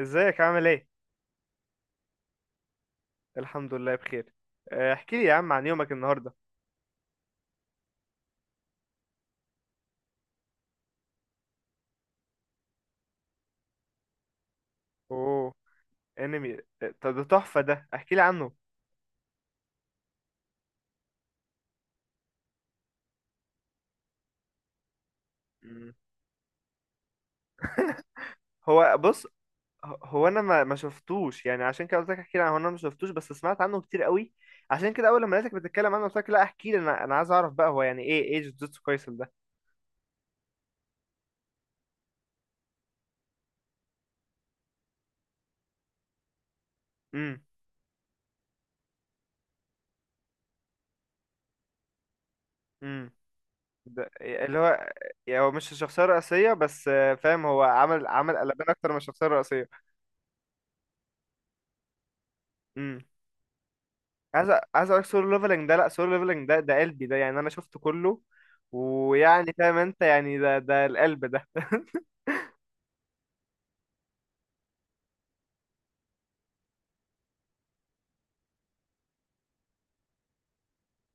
ازيك عامل ايه؟ الحمد لله بخير. آه، احكي لي يا عم عن يومك النهارده. اوه. انمي، آه، طب ده تحفة، ده احكي لي عنه. مم. هو بص، هو انا ما شفتوش يعني، عشان كده قلت لك احكي لي عنه. هو انا ما شفتوش، بس سمعت عنه كتير قوي. عشان كده اول لما لقيتك بتتكلم عنه قلت لك لا احكي لي، انا عايز اعرف بقى هو يعني ايه جوجوتسو كايسن ده. امم امم ده اللي هو، يعني هو مش الشخصية الرئيسية، بس آه، فاهم، هو عمل عمل قلبان اكتر من الشخصية الرئيسية. امم عايز عايز اقولك سولو ليفلنج ده لا، سولو ليفلنج ده قلبي ده يعني، انا شفته كله، ويعني فاهم انت يعني ده القلب ده.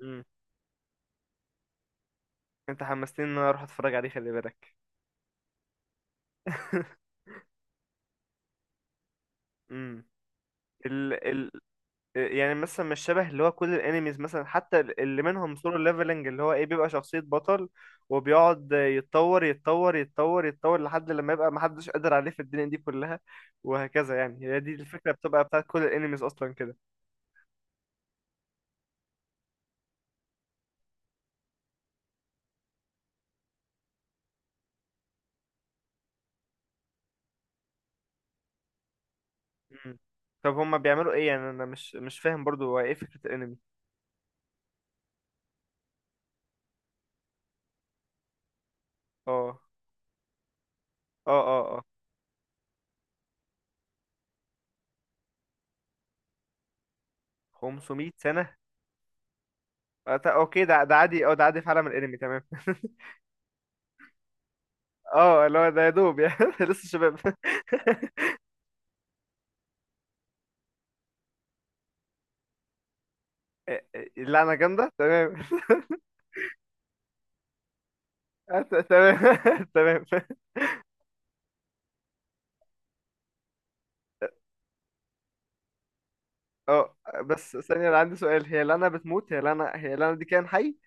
مم. انت حمستني ان انا اروح اتفرج عليه، خلي بالك. امم ال ال يعني مثلا مش شبه اللي هو كل الانميز، مثلا حتى اللي منهم سولو ليفلنج، اللي هو ايه، بيبقى شخصية بطل، وبيقعد يتطور يتطور يتطور يتطور لحد لما يبقى محدش قادر عليه في الدنيا دي كلها، وهكذا يعني. هي دي الفكرة بتبقى بتاعت كل الانميز اصلا كده. مم. طب هما بيعملوا ايه؟ يعني انا مش فاهم برضو هو ايه فكرة الانمي. اه، اه، اه، اه. 500 سنة. آه، اوكي، ده عادي، اه ده عادي في عالم الانمي تمام. اه اللي هو ده يا دوب يعني، لسه شباب. اللعنة جامدة تمام. آه، تمام. تمام. اه بس ثانية، انا عندي سؤال. هي لعنة بتموت؟ هي لعنة دي كائن حي؟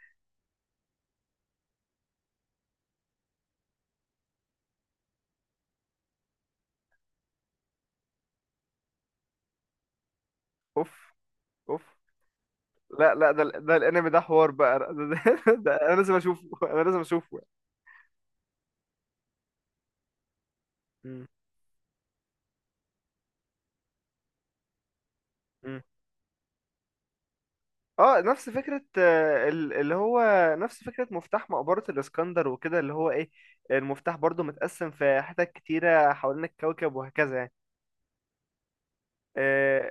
اوف. اوف. لا لا، ده ده الانمي ده حوار بقى، ده، ده انا لازم اشوفه. انا لازم اشوفه. مم. اه نفس فكرة، آه، اللي هو نفس فكرة مفتاح مقبرة الإسكندر وكده، اللي هو ايه، المفتاح برضو متقسم في حتت كتيرة حوالين الكوكب وهكذا يعني. آه،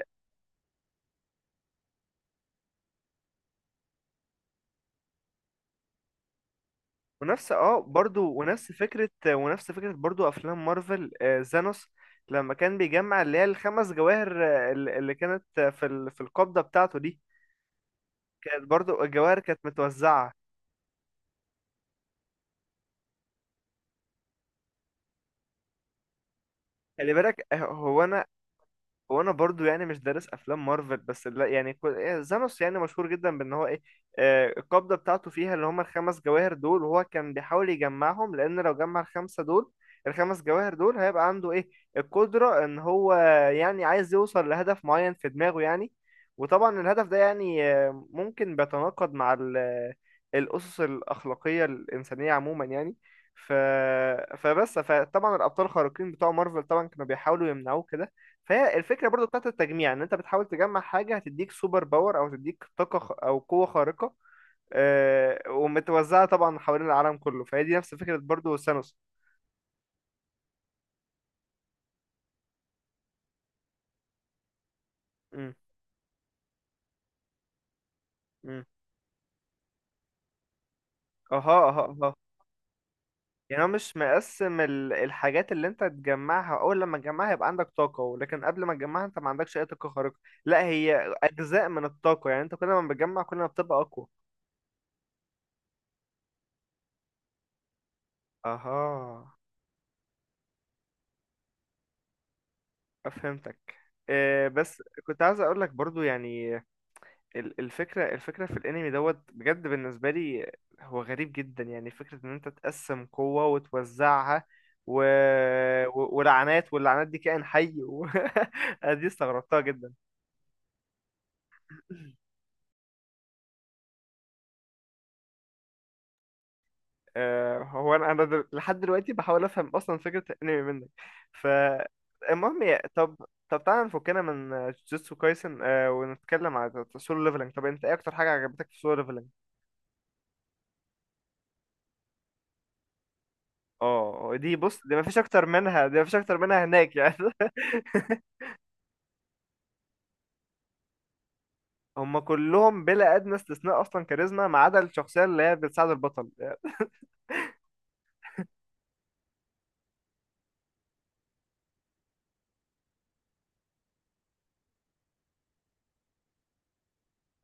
ونفس برضو، ونفس فكرة برضو أفلام مارفل، آه، زانوس، لما كان بيجمع اللي هي الخمس جواهر، آه، اللي كانت آه، في في القبضة بتاعته دي، كانت برضو الجواهر كانت متوزعة. خلي بالك، آه، هو انا برضو يعني مش دارس افلام مارفل، بس لا يعني إيه، زانوس يعني مشهور جدا بان هو ايه، آه، القبضه بتاعته فيها اللي هم الخمس جواهر دول، وهو كان بيحاول يجمعهم، لان لو جمع الخمسه دول، الخمس جواهر دول، هيبقى عنده ايه، القدره ان هو يعني عايز يوصل لهدف معين في دماغه يعني. وطبعا الهدف ده يعني آه، ممكن بيتناقض مع الاسس الاخلاقيه الانسانيه عموما يعني. ف... فبس فطبعا الابطال الخارقين بتوع مارفل طبعا كانوا بيحاولوا يمنعوه كده. فهي الفكرة برضو بتاعت التجميع، ان انت بتحاول تجمع حاجة هتديك سوبر باور او تديك طاقة او قوة خارقة، آه، ومتوزعة طبعا حوالين العالم كله، فهي دي نفس فكرة برضو ثانوس. امم، امم، اها، اها، اها. يعني هو مش مقسم الحاجات اللي انت تجمعها، اول لما تجمعها يبقى عندك طاقة، ولكن قبل ما تجمعها انت ما عندكش اي طاقة خارقة. لا هي اجزاء من الطاقة يعني، انت كل ما بتجمع كل ما بتبقى اقوى. اها. فهمتك. آه، بس كنت عايز اقول لك برضو يعني الفكرة في الانمي دوت بجد، بالنسبة لي هو غريب جدا، يعني فكرة ان انت تقسم قوة وتوزعها، و... ولعنات، واللعنات دي كائن حي أنا دي استغربتها جدا. آه، هو انا لحد دلوقتي بحاول افهم اصلا فكرة الانمي منك. فالمهم طب تعالى نفكنا من جوجوتسو كايسن، آه، ونتكلم على سولو ليفلنج. طب انت ايه اكتر حاجة عجبتك في سولو ليفلنج؟ اه دي بص، دي مفيش اكتر منها، دي مفيش اكتر منها هناك يعني. هم كلهم بلا ادنى استثناء اصلا كاريزما، ما عدا الشخصيه اللي هي بتساعد البطل.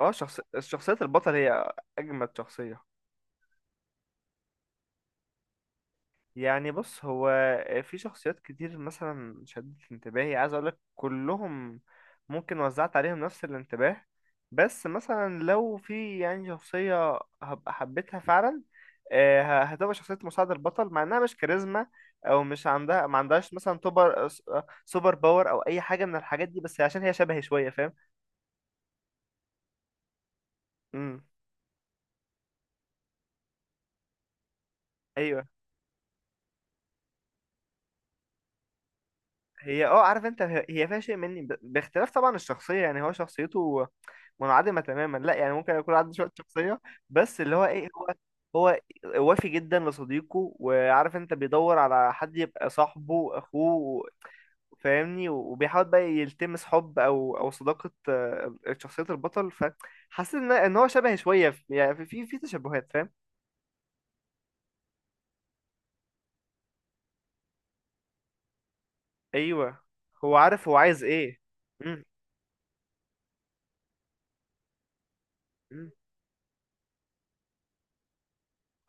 اه شخصيه البطل هي اجمد شخصيه. يعني بص، هو في شخصيات كتير مثلا شدت انتباهي، عايز اقولك كلهم ممكن وزعت عليهم نفس الانتباه. بس مثلا لو في يعني شخصية هبقى حبيتها فعلا، آه، هتبقى شخصية مساعد البطل، مع انها مش كاريزما، او مش عندها، ما عندهاش مثلا توبر، آه، سوبر باور او اي حاجة من الحاجات دي، بس عشان هي شبهي شوية فاهم. امم هي عارف انت، هي هي فيها شيء مني باختلاف طبعا الشخصية يعني، هو شخصيته منعدمة تماما، لا يعني ممكن يكون عنده شوية شخصية، بس اللي هو ايه، هو هو وافي جدا لصديقه، وعارف انت بيدور على حد يبقى صاحبه اخوه. فاهمني. وبيحاول بقى يلتمس حب او صداقة، آه، شخصية البطل، فحاسس ان هو شبه شوية يعني في تشابهات فاهم. ايوه هو عارف هو عايز ايه. مم. مم.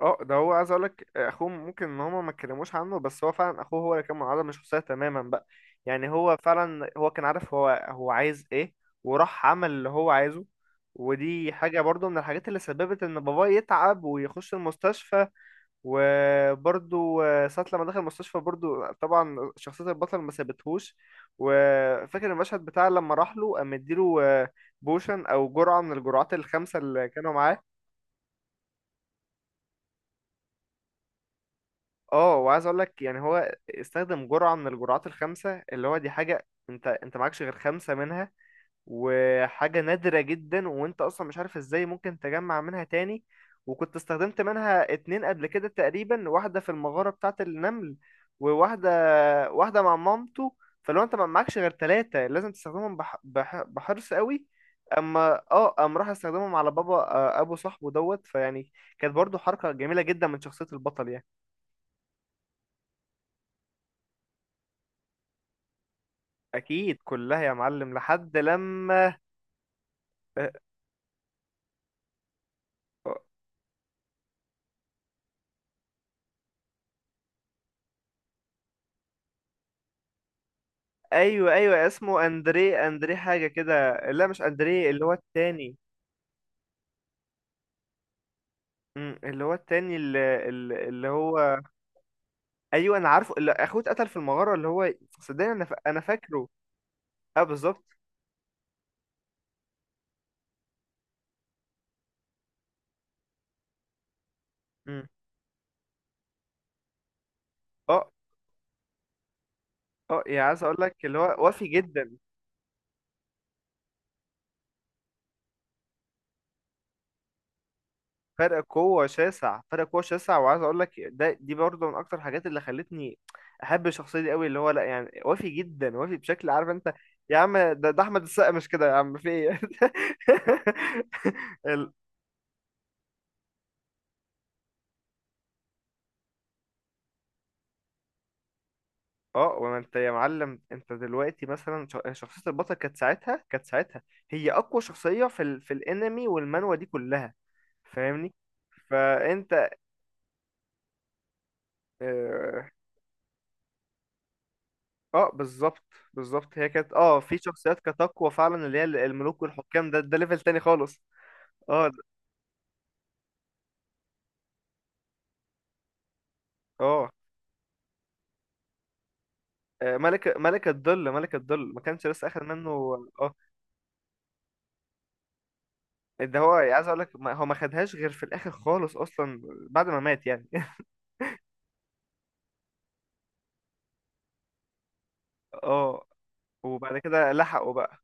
اه ده هو عايز اقولك، آه، اخوه ممكن ان هما ما اتكلموش عنه، بس هو فعلا اخوه هو اللي كان منعزل من الشخصيه تماما بقى، يعني هو فعلا هو كان عارف هو هو عايز ايه، وراح عمل اللي هو عايزه. ودي حاجه برضو من الحاجات اللي سببت ان باباه يتعب ويخش المستشفى. وبرضو آه، ساعه لما دخل المستشفى برضو، آه، طبعا شخصيه البطل ما سابتهوش، وفاكر المشهد بتاع لما راح له قام مديله، آه، بوشن او جرعه من الجرعات الخمسه اللي كانوا معاه. اه وعايز اقول لك يعني هو استخدم جرعة من الجرعات الخمسة، اللي هو دي حاجة انت معكش غير خمسة منها، وحاجة نادرة جدا، وانت اصلا مش عارف ازاي ممكن تجمع منها تاني. وكنت استخدمت منها اتنين قبل كده تقريبا، واحدة في المغارة بتاعة النمل، وواحدة واحدة مع مامته. فلو انت ما معكش غير تلاتة، لازم تستخدمهم بحرص قوي. اما قام راح استخدمهم على بابا، آه، ابو صاحبه دوت فيعني كانت برضو حركة جميلة جدا من شخصية البطل يعني. اكيد كلها يا معلم، لحد لما، ايوه ايوه، اسمه اندريه، اندريه حاجه كده، لا مش اندريه، اللي هو التاني. أمم، اللي هو التاني اللي هو، ايوه انا عارفه، اللي اخوه اتقتل في المغاره اللي هو، صدقني انا انا فاكره. اه بالظبط. أمم. اه اه يعني عايز اقول لك اللي هو وافي جدا، فرق قوة شاسع، فرق قوة شاسع، وعايز اقول لك ده دي برضه من اكتر الحاجات اللي خلتني احب الشخصية دي قوي. اللي هو لا يعني وافي جدا، وافي بشكل عارف انت يا عم، ده احمد السقا مش كده يا عم، في ايه؟ ال... اه وما انت يا معلم، انت دلوقتي مثلا شخصية البطل كانت ساعتها هي اقوى شخصية في في الانمي والمانوا دي كلها فاهمني. فانت آه، اه بالظبط، بالظبط، هي كانت في شخصيات كانت اقوى فعلا، اللي هي الملوك والحكام، ده ليفل تاني خالص. اه اه آه، ملك الظل، ملك الظل ما كانش لسه اخد منه. اه ده هو عايز اقول لك هو ما خدهاش غير في الاخر خالص اصلا، بعد ما مات يعني. اه وبعد كده لحقوا بقى،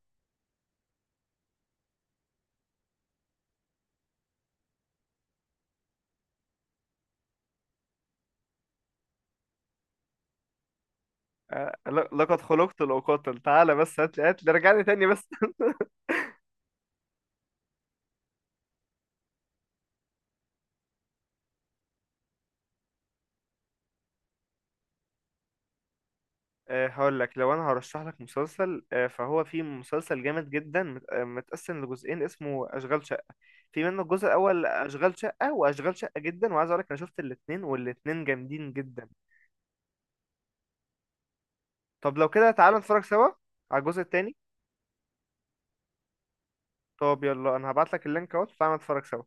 آه، لقد خلقت لأقاتل، تعالى بس هات لي، هات لي رجعني تاني بس. آه، هقول لك لو انا هرشح لك مسلسل، آه، فهو في مسلسل جامد جدا آه، متقسم لجزئين، اسمه اشغال شقه. في منه الجزء الاول اشغال شقه، واشغال شقه جدا، وعايز اقول لك انا شفت الاثنين والاثنين جامدين جدا. طب لو كده تعالى نتفرج سوا على الجزء الثاني. طب يلا انا هبعت لك اللينك اهو، تعالى نتفرج سوا